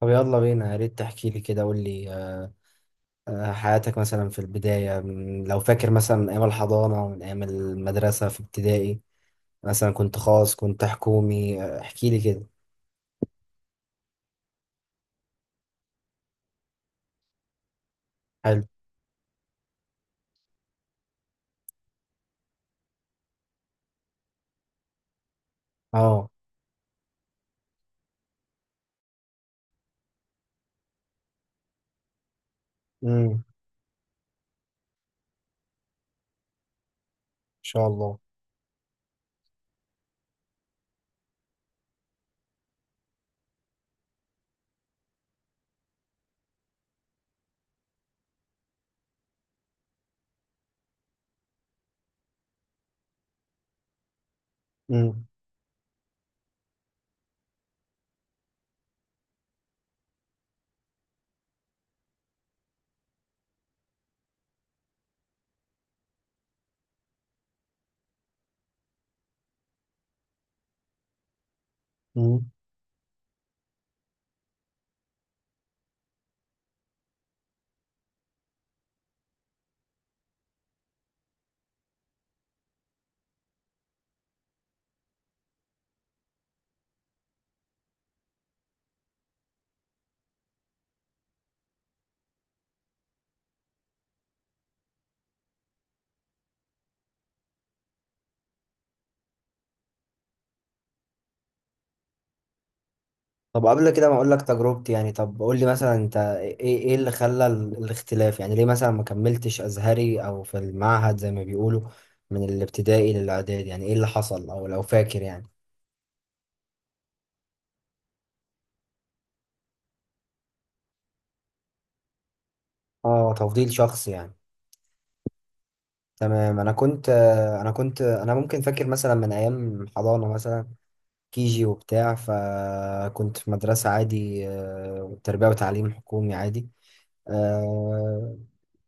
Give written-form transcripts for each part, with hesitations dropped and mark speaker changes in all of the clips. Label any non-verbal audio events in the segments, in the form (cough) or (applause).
Speaker 1: طب يلا بينا، يا ريت تحكي لي كده. قول لي، حياتك مثلا في البداية، لو فاكر مثلا، من أيام الحضانة، من أيام المدرسة في ابتدائي، مثلا كنت خاص، كنت حكومي، احكي لي كده. حلو. اه، امم. ان شاء الله. امم، امم. طب قبل كده ما اقول لك تجربتي يعني، طب قول لي مثلا انت ايه، ايه اللي خلى الاختلاف؟ يعني ليه مثلا ما كملتش ازهري او في المعهد زي ما بيقولوا، من الابتدائي للاعداد؟ يعني ايه اللي حصل، او لو فاكر يعني. اه، تفضيل شخصي يعني. تمام. انا، ممكن فاكر مثلا من ايام حضانه، مثلا كيجي وبتاع، فكنت في مدرسه عادي، تربيه وتعليم حكومي عادي. آه،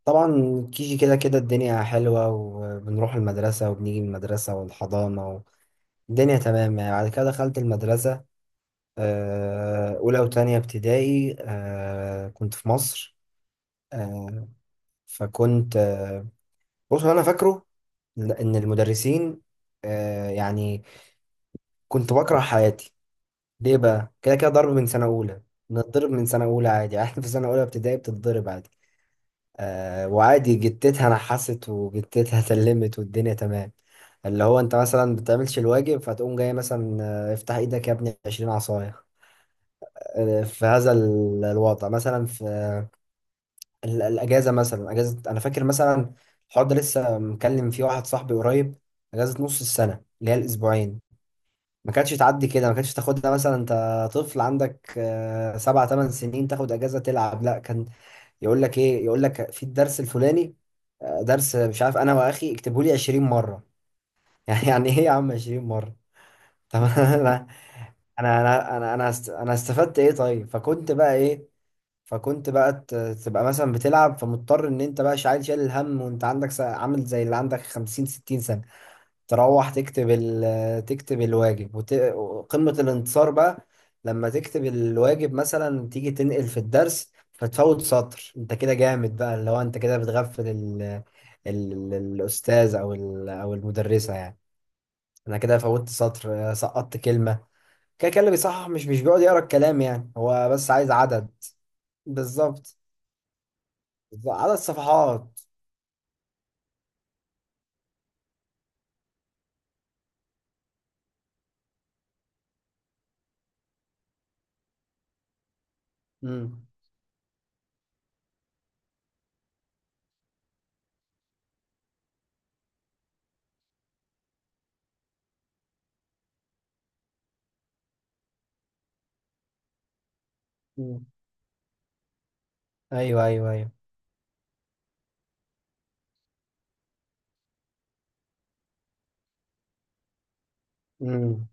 Speaker 1: طبعا كيجي كده كده الدنيا حلوه، وبنروح المدرسه وبنيجي من المدرسه والحضانه، الدنيا تمام يعني. بعد كده دخلت المدرسه، اولى وتانية ابتدائي، كنت في مصر. آه، فكنت آه، بص، هو انا فاكره ان المدرسين، يعني، كنت بكره حياتي. ليه بقى؟ كده كده ضرب من سنه اولى. بنتضرب من سنه اولى عادي (laughs) احنا في سنه اولى ابتدائي بتتضرب عادي، وعادي. جتتها نحست وجتتها سلمت والدنيا تمام. اللي هو انت مثلا بتعملش الواجب، فتقوم جاي مثلا، افتح ايدك يا ابني، 20 عصايه. في هذا الوضع مثلا، في الاجازه مثلا، اجازه انا فاكر مثلا - الحوار ده لسه مكلم فيه واحد صاحبي قريب - اجازه نص السنه اللي هي الاسبوعين، ما كانتش تعدي كده. ما كانتش تاخدها مثلا انت، طفل عندك سبع ثمان سنين، تاخد اجازه تلعب. لا، كان يقول لك ايه؟ يقول لك في الدرس الفلاني، درس مش عارف، انا واخي اكتبه لي 20 مره. (laughs) يعني ايه يا عم 20 مره؟ طب (laughs) انا استفدت ايه طيب؟ فكنت بقى ايه؟ فكنت بقى تبقى مثلا بتلعب، فمضطر ان انت بقى شايل شايل الهم، وانت عندك عامل زي اللي عندك 50 60 سنه، تروح تكتب تكتب الواجب، وقمة الانتصار بقى لما تكتب الواجب، مثلا تيجي تنقل في الدرس فتفوت سطر. انت كده جامد بقى، اللي هو انت كده بتغفل الاستاذ، او او المدرسة يعني. انا كده فوتت سطر، سقطت كلمة. كده كده اللي بيصحح مش بيقعد يقرا الكلام يعني، هو بس عايز عدد. بالظبط، عدد صفحات. امم، امم. ايوه، ايوه، ايوه. امم،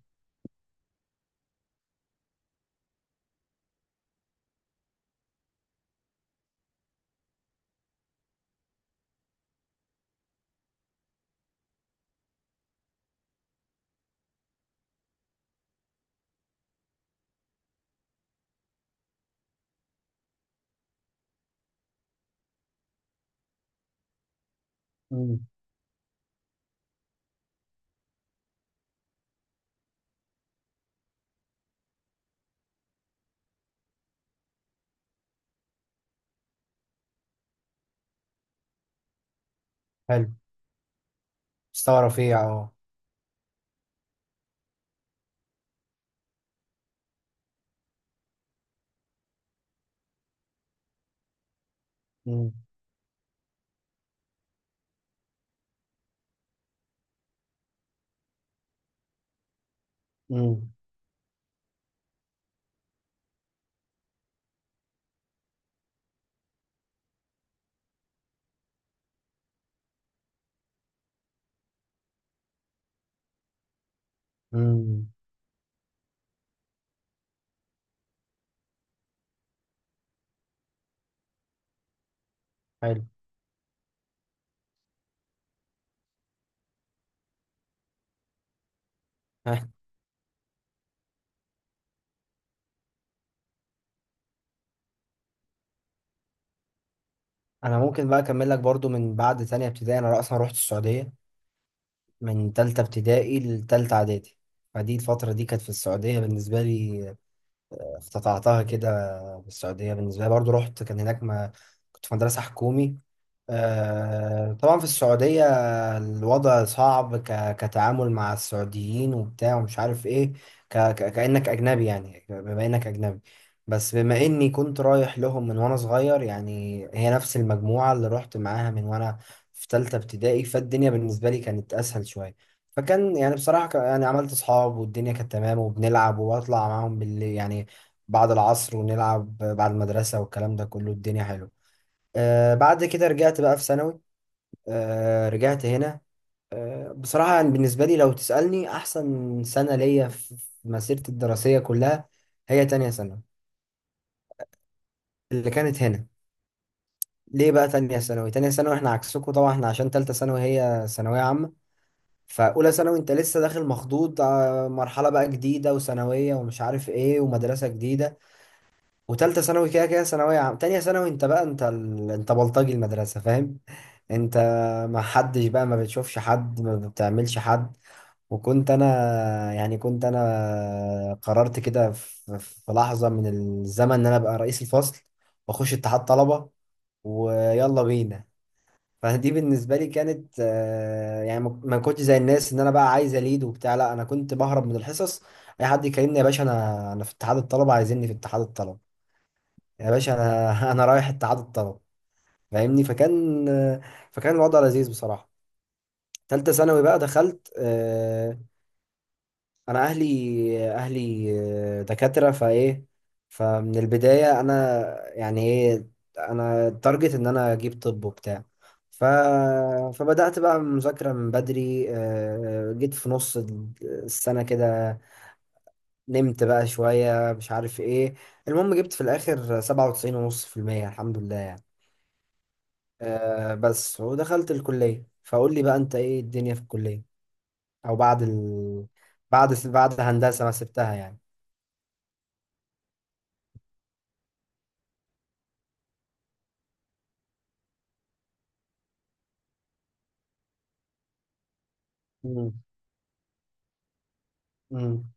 Speaker 1: امم. حلو. مستوى رفيع، اه. امم، امم. حلو. ها. انا ممكن بقى اكمل لك برضو، من بعد تانية ابتدائي انا اصلا رحت السعودية، من تالتة ابتدائي لتالتة اعدادي. فدي الفترة دي كانت في السعودية بالنسبة لي. افتتحتها كده بالسعودية بالنسبة لي برضو، رحت كان هناك ما، كنت في مدرسة حكومي. طبعا في السعودية الوضع صعب كتعامل مع السعوديين وبتاع ومش عارف ايه. كأنك أجنبي، يعني بما إنك أجنبي. بس بما إني كنت رايح لهم من وأنا صغير يعني، هي نفس المجموعة اللي رحت معاها من وأنا في تالتة ابتدائي، فالدنيا بالنسبة لي كانت أسهل شوية. فكان يعني بصراحة، يعني عملت أصحاب، والدنيا كانت تمام، وبنلعب وبطلع معاهم بالليل يعني، بعد العصر، ونلعب بعد المدرسة والكلام ده كله. الدنيا حلوة. بعد كده رجعت بقى في ثانوي. رجعت هنا. بصراحة يعني، بالنسبة لي لو تسألني أحسن سنة ليا في مسيرتي الدراسية كلها، هي تانية ثانوي. اللي كانت هنا. ليه بقى تانية ثانوي؟ تانية ثانوي، احنا عكسكم طبعا، احنا عشان تالتة ثانوي هي ثانوية عامة، فأولى ثانوي انت لسه داخل مخضوض، مرحلة بقى جديدة وثانوية ومش عارف ايه ومدرسة جديدة، وتالتة ثانوي كده كده ثانوية عام. تانية ثانوي انت بقى انت، انت بلطجي المدرسة، فاهم. انت ما حدش بقى، ما بتشوفش حد ما بتعملش حد. وكنت انا يعني كنت انا قررت كده، في لحظة من الزمن، ان انا ابقى رئيس الفصل، واخش اتحاد طلبة، ويلا بينا. فدي بالنسبة لي كانت، يعني، ما كنتش زي الناس ان انا بقى عايز اليد وبتاع، لا انا كنت بهرب من الحصص. اي حد يكلمني: يا باشا انا، في اتحاد الطلبة، عايزيني في اتحاد الطلبة. يا باشا انا (laughs) انا رايح التعادل طلب، فاهمني. فكان الوضع لذيذ بصراحه. تالتة ثانوي بقى دخلت، انا اهلي، اهلي دكاتره فايه، فمن البدايه انا يعني ايه، انا التارجت ان انا اجيب طب وبتاع. ف... فبدات بقى مذاكره من بدري، جيت في نص السنه كده، نمت بقى شويه مش عارف ايه. المهم جبت في الاخر 97.5%، الحمد لله يعني. بس، ودخلت الكلية. فقول لي بقى، انت ايه الدنيا في الكلية؟ او بعد بعد هندسة ما سبتها يعني. امم، امم.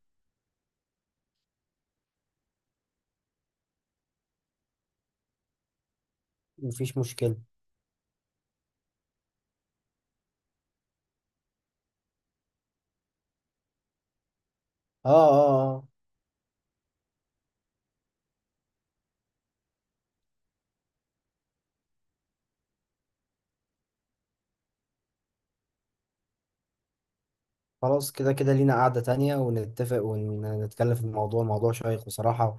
Speaker 1: مفيش مشكلة. اه، اه، اه. خلاص، كده كده لينا قعدة تانية ونتفق ونتكلم في الموضوع. موضوع شيق بصراحة،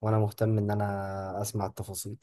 Speaker 1: وانا مهتم ان انا اسمع التفاصيل.